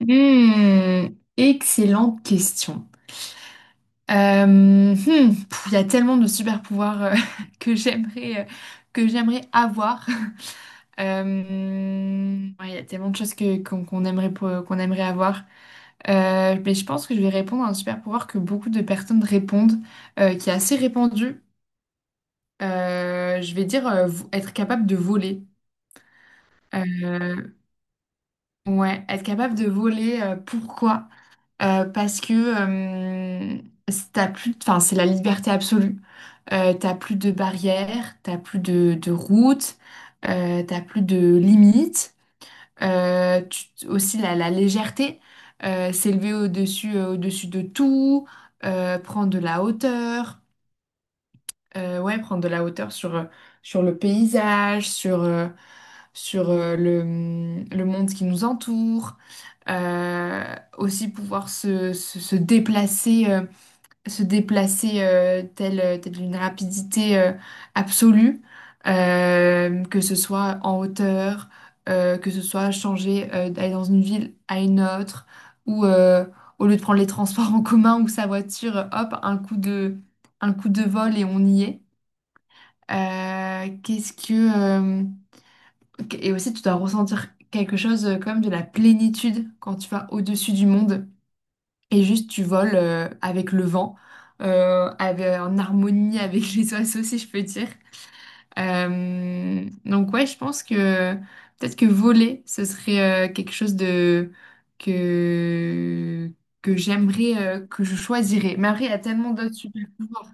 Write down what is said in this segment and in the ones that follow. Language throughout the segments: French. Hmm, Excellente question. Euh, il y a tellement de super pouvoirs que j'aimerais avoir. Euh, ouais, il y a tellement de choses que qu'on qu'on aimerait po- qu'on aimerait avoir. Mais je pense que je vais répondre à un super pouvoir que beaucoup de personnes répondent, qui est assez répandu. Je vais dire être capable de voler. Euh, ouais, être capable de voler. Pourquoi? Parce que t'as plus, enfin, c'est la liberté absolue. T'as plus de barrières, t'as plus de routes, t'as plus de limites. Aussi la légèreté, s'élever au-dessus, au-dessus de tout, prendre de la hauteur. Ouais, prendre de la hauteur sur le paysage, sur le monde qui nous entoure. Aussi pouvoir se déplacer, telle une rapidité absolue. Que ce soit en hauteur, que ce soit changer, d'aller dans une ville à une autre, ou au lieu de prendre les transports en commun ou sa voiture, hop, un coup de vol et on y est. Euh, qu'est-ce que... euh, et aussi, tu dois ressentir quelque chose comme de la plénitude quand tu vas au-dessus du monde et juste tu voles avec le vent, en harmonie avec les oiseaux, si je peux dire. Donc ouais, je pense que peut-être que voler, ce serait quelque chose que, que j'aimerais, que je choisirais. Mais après, il y a tellement d'autres super pouvoirs.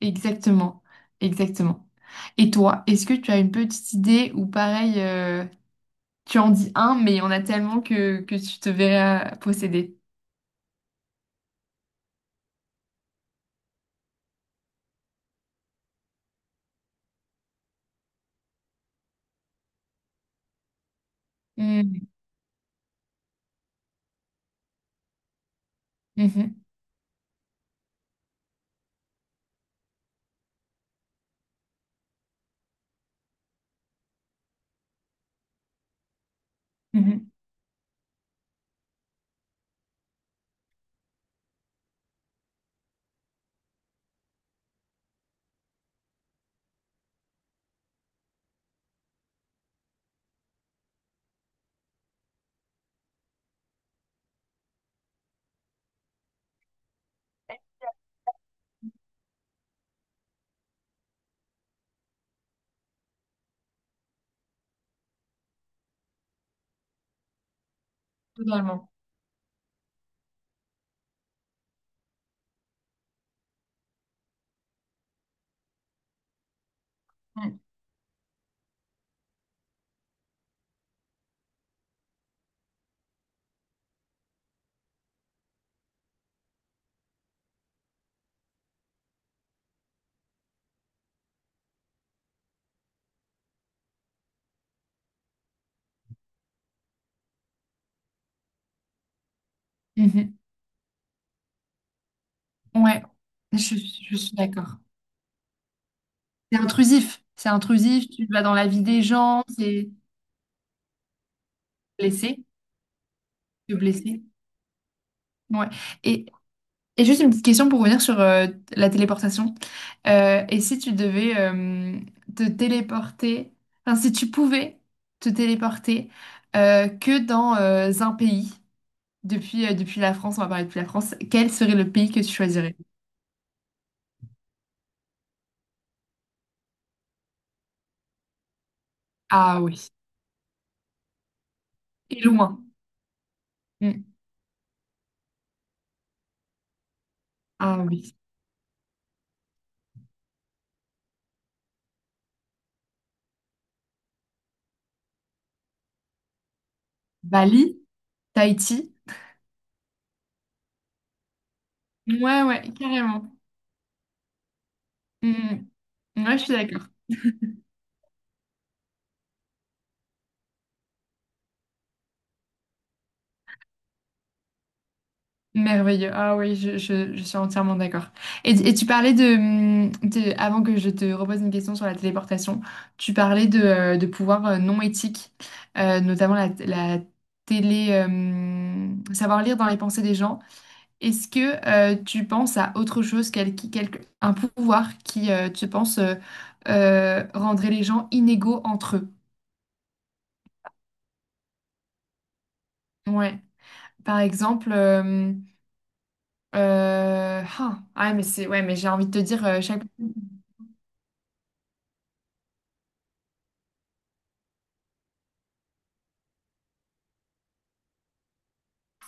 Exactement, exactement. Et toi, est-ce que tu as une petite idée ou pareil, tu en dis un, mais il y en a tellement que tu te verras posséder. Mm, mhm, mhm. Totalement. Mm, mhm. Ouais, je, je suis d'accord. C'est intrusif, tu vas dans la vie des gens, c'est blessé, te blesser. Ouais. Et, et juste une petite question pour revenir sur la téléportation. Et si tu devais te téléporter, enfin si tu pouvais te téléporter que dans un pays, depuis la France, on va parler depuis la France, quel serait le pays que tu choisirais? Ah oui. Et loin. Mm. Ah oui. Bali, Tahiti. Ouais, ouais, carrément. Mm. Ouais, je suis d'accord. Merveilleux. Ah oui, je suis entièrement d'accord. Et tu parlais avant que je te repose une question sur la téléportation, tu parlais de pouvoirs non éthiques, notamment savoir lire dans les pensées des gens. Est-ce que tu penses à autre chose, un pouvoir qui, tu penses, rendrait les gens inégaux entre eux? Ouais. Par exemple, mais c'est, ouais, mais j'ai envie de te dire chaque.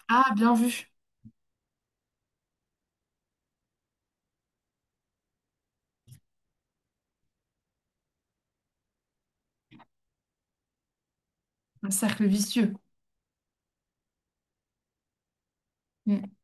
Ah, bien vu. Un cercle vicieux. Mm.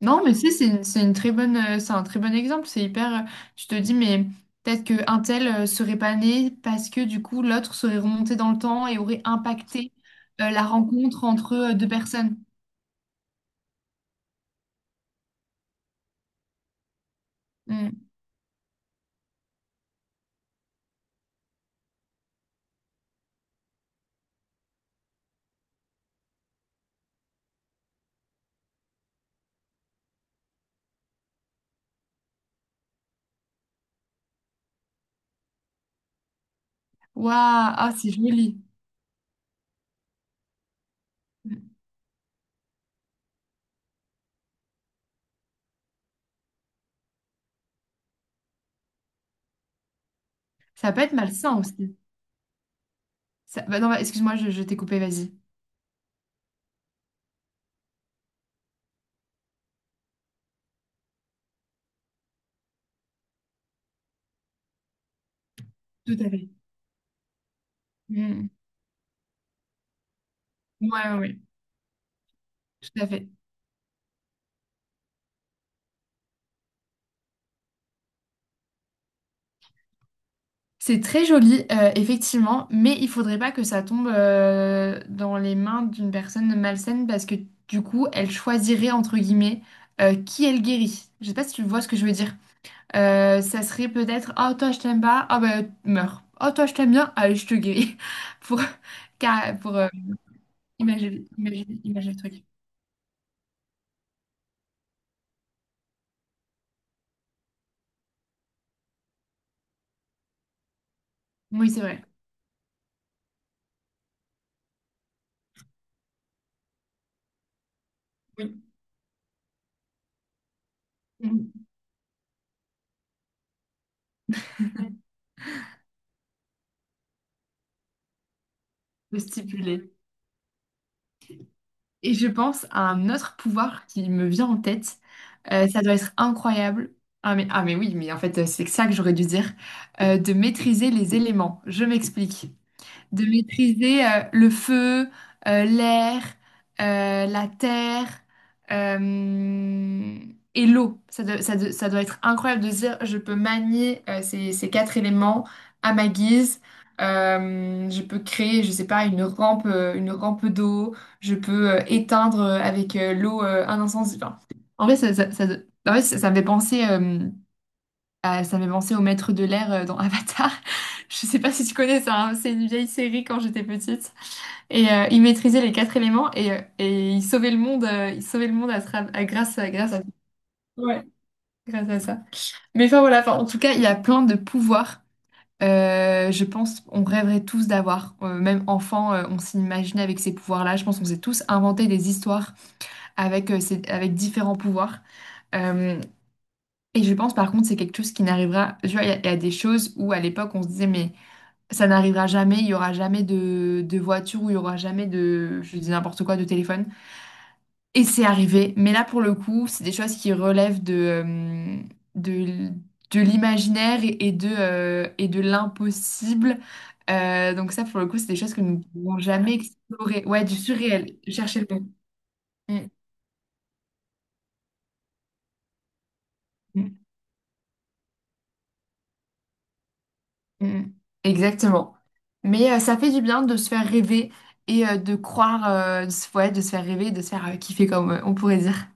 Non, mais c'est une, c'est une très bonne, c'est un très bon exemple. C'est hyper. Tu te dis, mais peut-être qu'un tel serait pas né parce que du coup, l'autre serait remonté dans le temps et aurait impacté la rencontre entre deux personnes. Mm. Waouh, ah, c'est joli. Mm. Ça peut être malsain aussi. Bah non, bah, excuse-moi, je t'ai coupé, vas-y. Tout à fait. Mm. Ouais, ouais, ouais. Tout à fait. C'est très joli, effectivement, mais il faudrait pas que ça tombe dans les mains d'une personne malsaine parce que du coup, elle choisirait entre guillemets qui elle guérit. Je sais pas si tu vois ce que je veux dire. Ça serait peut-être: oh toi je t'aime pas, ah bah meurs. Oh toi je t'aime bien, allez je te guéris pour pour imaginer le truc. Oui, c'est vrai. Oui. On peut stipuler. Et je pense à un autre pouvoir qui me vient en tête. Ça doit être incroyable. Ah mais oui, mais en fait, c'est ça que j'aurais dû dire. De maîtriser les éléments. Je m'explique: de maîtriser le feu, l'air, la terre euh, et l'eau. Ça doit être incroyable de se dire, je peux manier ces quatre éléments à ma guise. Je peux créer, je sais pas, une rampe d'eau. Je peux éteindre avec l'eau un incendie. Enfin, en vrai, en vrai, ça me fait penser. Ah, ça m'est pensé au maître de l'air dans Avatar. Je sais pas si tu connais ça, hein, c'est une vieille série quand j'étais petite. Et il maîtrisait les quatre éléments et il sauvait le monde, grâce à, grâce à... Ouais. Grâce à ça. Mais enfin voilà, enfin, en tout cas, il y a plein de pouvoirs. Je pense on rêverait tous d'avoir. Même enfant, on s'imaginait avec ces pouvoirs-là. Je pense qu'on s'est tous inventé des histoires avec différents pouvoirs. Euh, et je pense par contre, c'est quelque chose qui n'arrivera. Tu vois, il y a des choses où à l'époque on se disait, mais. Ça n'arrivera jamais, il y aura jamais de voiture ou il y aura jamais de, je dis n'importe quoi, de téléphone. Et c'est arrivé. Mais là, pour le coup, c'est des choses qui relèvent euh, de, l- de l'imaginaire et et de l'impossible. Donc ça, pour le coup, c'est des choses que nous ne pouvons jamais explorer. Ouais, du surréel. Chercher le mot. Mm, mm, mm. Mm. Exactement. Mais ça fait du bien de se faire rêver et de croire, ouais, de se faire rêver, de se faire kiffer, comme on pourrait dire.